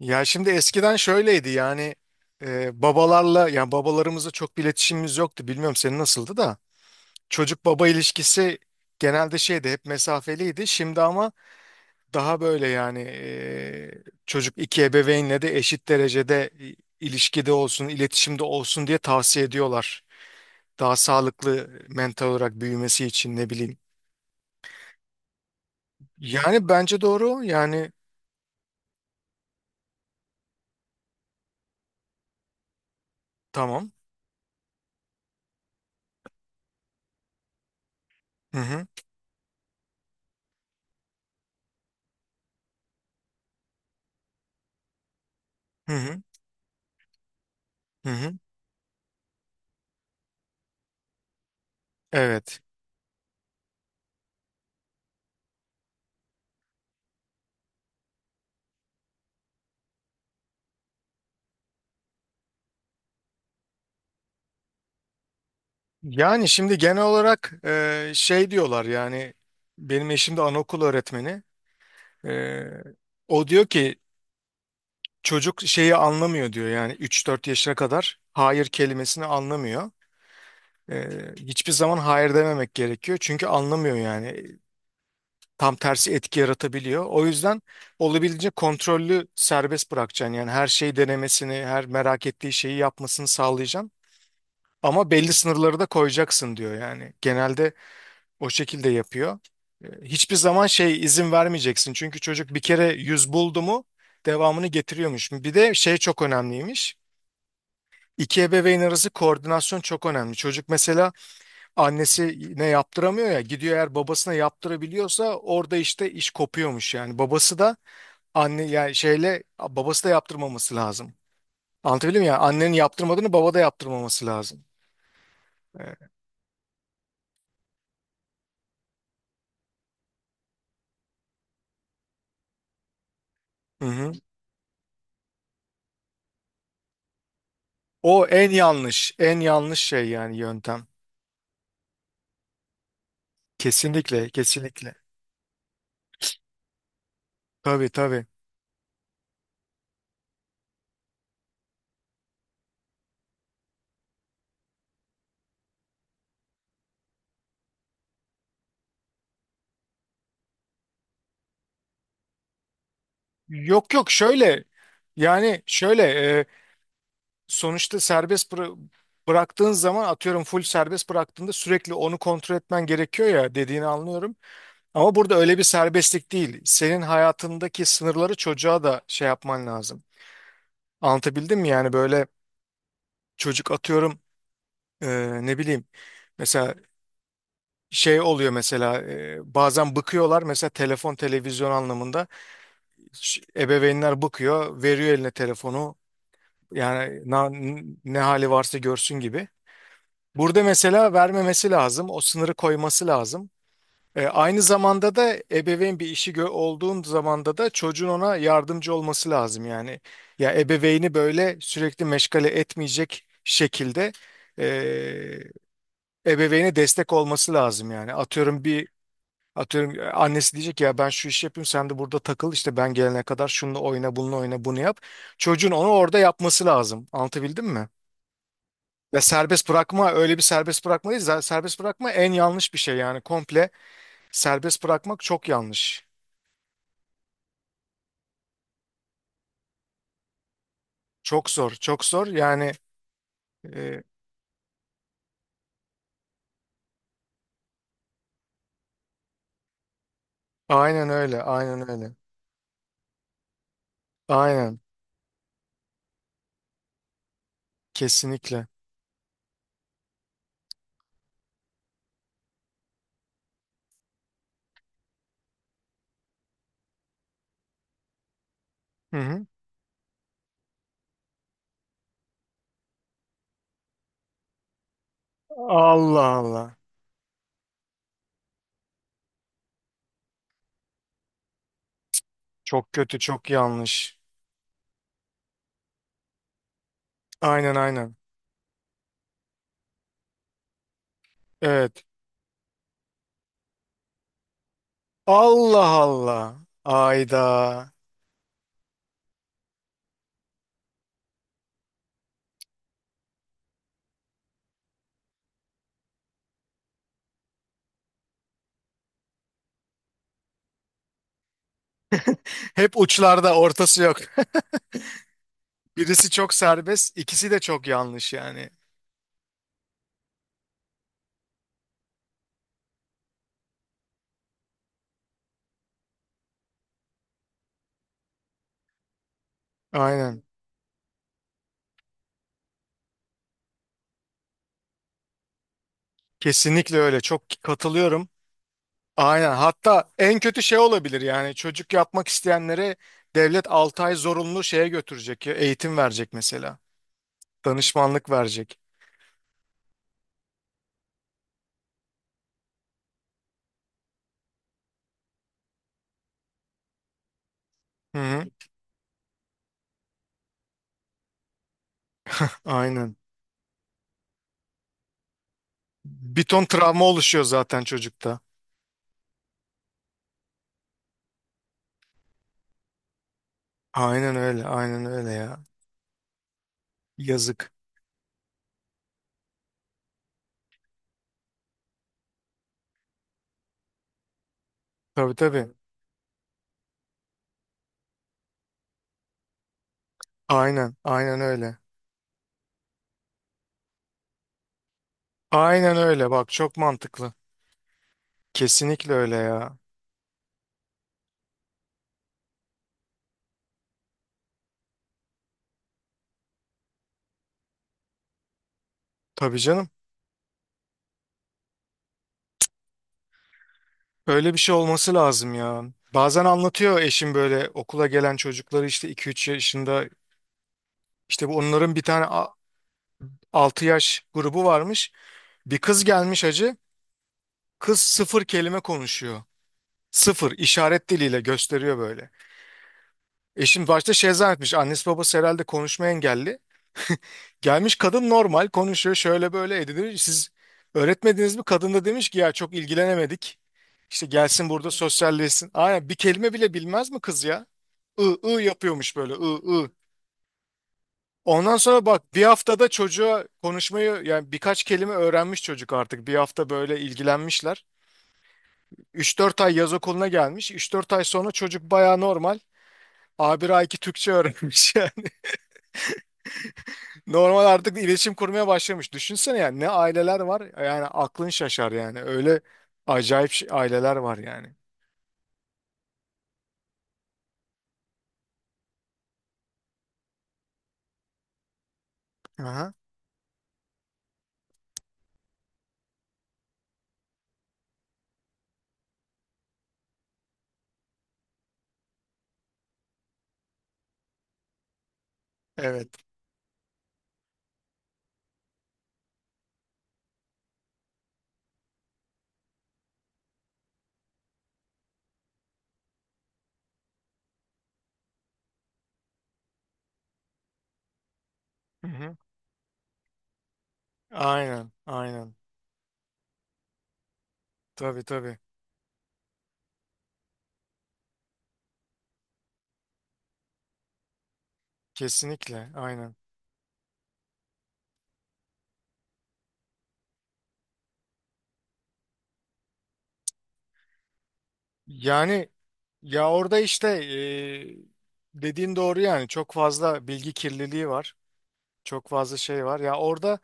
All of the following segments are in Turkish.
Ya şimdi eskiden şöyleydi yani yani babalarımızla çok bir iletişimimiz yoktu. Bilmiyorum senin nasıldı da çocuk baba ilişkisi genelde şeydi hep mesafeliydi. Şimdi ama daha böyle yani çocuk iki ebeveynle de eşit derecede ilişkide olsun, iletişimde olsun diye tavsiye ediyorlar. Daha sağlıklı mental olarak büyümesi için ne bileyim. Yani bence doğru yani tamam. Hı hı hı hı hı. Hı. Evet. Yani şimdi genel olarak şey diyorlar yani benim eşim de anaokul öğretmeni. E, o diyor ki çocuk şeyi anlamıyor diyor yani üç dört yaşına kadar hayır kelimesini anlamıyor. E, hiçbir zaman hayır dememek gerekiyor çünkü anlamıyor yani tam tersi etki yaratabiliyor. O yüzden olabildiğince kontrollü serbest bırakacaksın yani her şeyi denemesini her merak ettiği şeyi yapmasını sağlayacaksın. Ama belli sınırları da koyacaksın diyor yani. Genelde o şekilde yapıyor. Hiçbir zaman şey izin vermeyeceksin. Çünkü çocuk bir kere yüz buldu mu devamını getiriyormuş. Bir de şey çok önemliymiş. İki ebeveyn arası koordinasyon çok önemli. Çocuk mesela annesine yaptıramıyor ya gidiyor eğer babasına yaptırabiliyorsa orada işte iş kopuyormuş yani. Babası da anne yani şeyle babası da yaptırmaması lazım. Anlatabildim mi? Yani annenin yaptırmadığını baba da yaptırmaması lazım. E, Hı hı. O en yanlış, en yanlış şey yani yöntem. Kesinlikle, kesinlikle. Tabii tabii. Yok yok şöyle yani şöyle e, sonuçta serbest bıraktığın zaman atıyorum full serbest bıraktığında sürekli onu kontrol etmen gerekiyor ya dediğini anlıyorum. Ama burada öyle bir serbestlik değil. Senin hayatındaki sınırları çocuğa da şey yapman lazım. Anlatabildim mi yani böyle çocuk atıyorum e, ne bileyim mesela şey oluyor mesela bazen bıkıyorlar mesela telefon televizyon anlamında. Ebeveynler bakıyor, veriyor eline telefonu. Yani ne hali varsa görsün gibi. Burada mesela vermemesi lazım, o sınırı koyması lazım. Aynı zamanda da ebeveyn bir işi olduğun zamanda da çocuğun ona yardımcı olması lazım yani. Ya ebeveyni böyle sürekli meşgale etmeyecek şekilde e, ebeveyne destek olması lazım yani. Atıyorum annesi diyecek ya ben şu işi yapayım sen de burada takıl işte ben gelene kadar şununla oyna bununla oyna bunu yap. Çocuğun onu orada yapması lazım. Anlatabildim mi? Ve serbest bırakma öyle bir serbest bırakma değil. Serbest bırakma en yanlış bir şey yani komple serbest bırakmak çok yanlış. Çok zor çok zor yani e, aynen öyle aynen öyle. Aynen kesinlikle. Hı hı. Allah Allah. Çok kötü çok yanlış. Aynen aynen. Evet. Allah Allah. Ayda. Hep uçlarda ortası yok. Birisi çok serbest, ikisi de çok yanlış yani. Aynen. Kesinlikle öyle. Çok katılıyorum. Aynen. Hatta en kötü şey olabilir yani çocuk yapmak isteyenlere devlet 6 ay zorunlu şeye götürecek, ya, eğitim verecek mesela. Danışmanlık verecek. Hı hı. Aynen. Bir ton travma oluşuyor zaten çocukta. Aynen öyle, aynen öyle ya. Yazık. Tabii tabii. Aynen, aynen öyle. Aynen öyle. Bak çok mantıklı. Kesinlikle öyle ya. Tabii canım. Öyle bir şey olması lazım ya. Bazen anlatıyor eşim böyle okula gelen çocukları işte iki üç yaşında işte bu onların bir tane 6 yaş grubu varmış. Bir kız gelmiş hacı. Kız sıfır kelime konuşuyor. Sıfır işaret diliyle gösteriyor böyle. Eşim başta şey zannetmiş. Annesi babası herhalde konuşma engelli. Gelmiş kadın normal konuşuyor şöyle böyle edinir. Siz öğretmediniz mi? Kadın da demiş ki ya çok ilgilenemedik. İşte gelsin burada sosyalleşsin. Aynen bir kelime bile bilmez mi kız ya? I ı yapıyormuş böyle ı ı. Ondan sonra bak bir haftada çocuğa konuşmayı yani birkaç kelime öğrenmiş çocuk artık. Bir hafta böyle ilgilenmişler. Üç dört ay yaz okuluna gelmiş. Üç dört ay sonra çocuk baya normal. Bir A2 Türkçe öğrenmiş. Normal artık iletişim kurmaya başlamış. Düşünsene yani ne aileler var. Yani aklın şaşar yani. Öyle acayip aileler var yani. Aha, evet. Hı hı. Aynen, aynen. Tabii tabii. Kesinlikle, aynen. Yani ya orada işte dediğin doğru yani. Çok fazla bilgi kirliliği var. Çok fazla şey var. Ya orada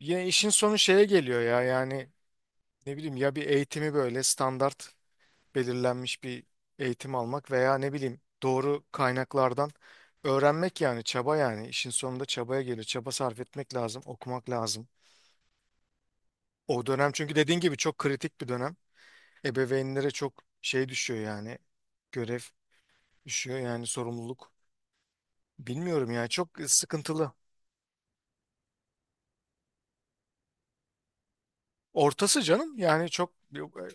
ya işin sonu şeye geliyor ya. Yani ne bileyim ya bir eğitimi böyle standart belirlenmiş bir eğitim almak veya ne bileyim doğru kaynaklardan öğrenmek yani çaba yani işin sonunda çabaya geliyor. Çaba sarf etmek lazım, okumak lazım. O dönem çünkü dediğin gibi çok kritik bir dönem. Ebeveynlere çok şey düşüyor yani görev düşüyor yani sorumluluk. Bilmiyorum yani çok sıkıntılı. Ortası canım yani çok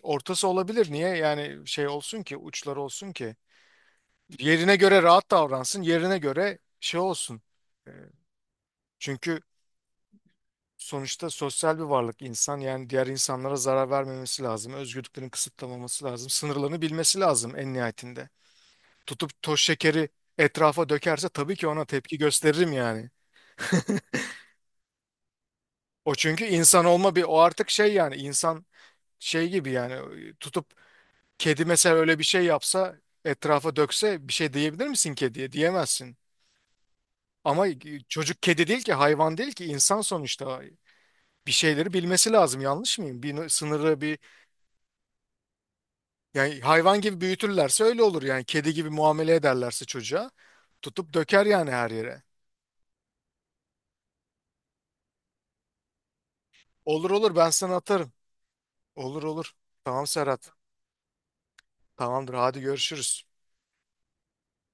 ortası olabilir. Niye yani şey olsun ki uçları olsun ki yerine göre rahat davransın yerine göre şey olsun. E, Çünkü sonuçta sosyal bir varlık insan yani diğer insanlara zarar vermemesi lazım. Özgürlüklerini kısıtlamaması lazım. Sınırlarını bilmesi lazım en nihayetinde. Tutup toz şekeri etrafa dökerse tabii ki ona tepki gösteririm yani. O çünkü insan olma bir o artık şey yani insan şey gibi yani tutup kedi mesela öyle bir şey yapsa etrafa dökse bir şey diyebilir misin kediye? Diyemezsin. Ama çocuk kedi değil ki hayvan değil ki insan sonuçta bir şeyleri bilmesi lazım yanlış mıyım? Bir sınırı bir. Yani hayvan gibi büyütürlerse öyle olur yani. Kedi gibi muamele ederlerse çocuğa tutup döker yani her yere. Olur olur ben sana atarım. Olur olur. Tamam Serhat. Tamamdır hadi görüşürüz.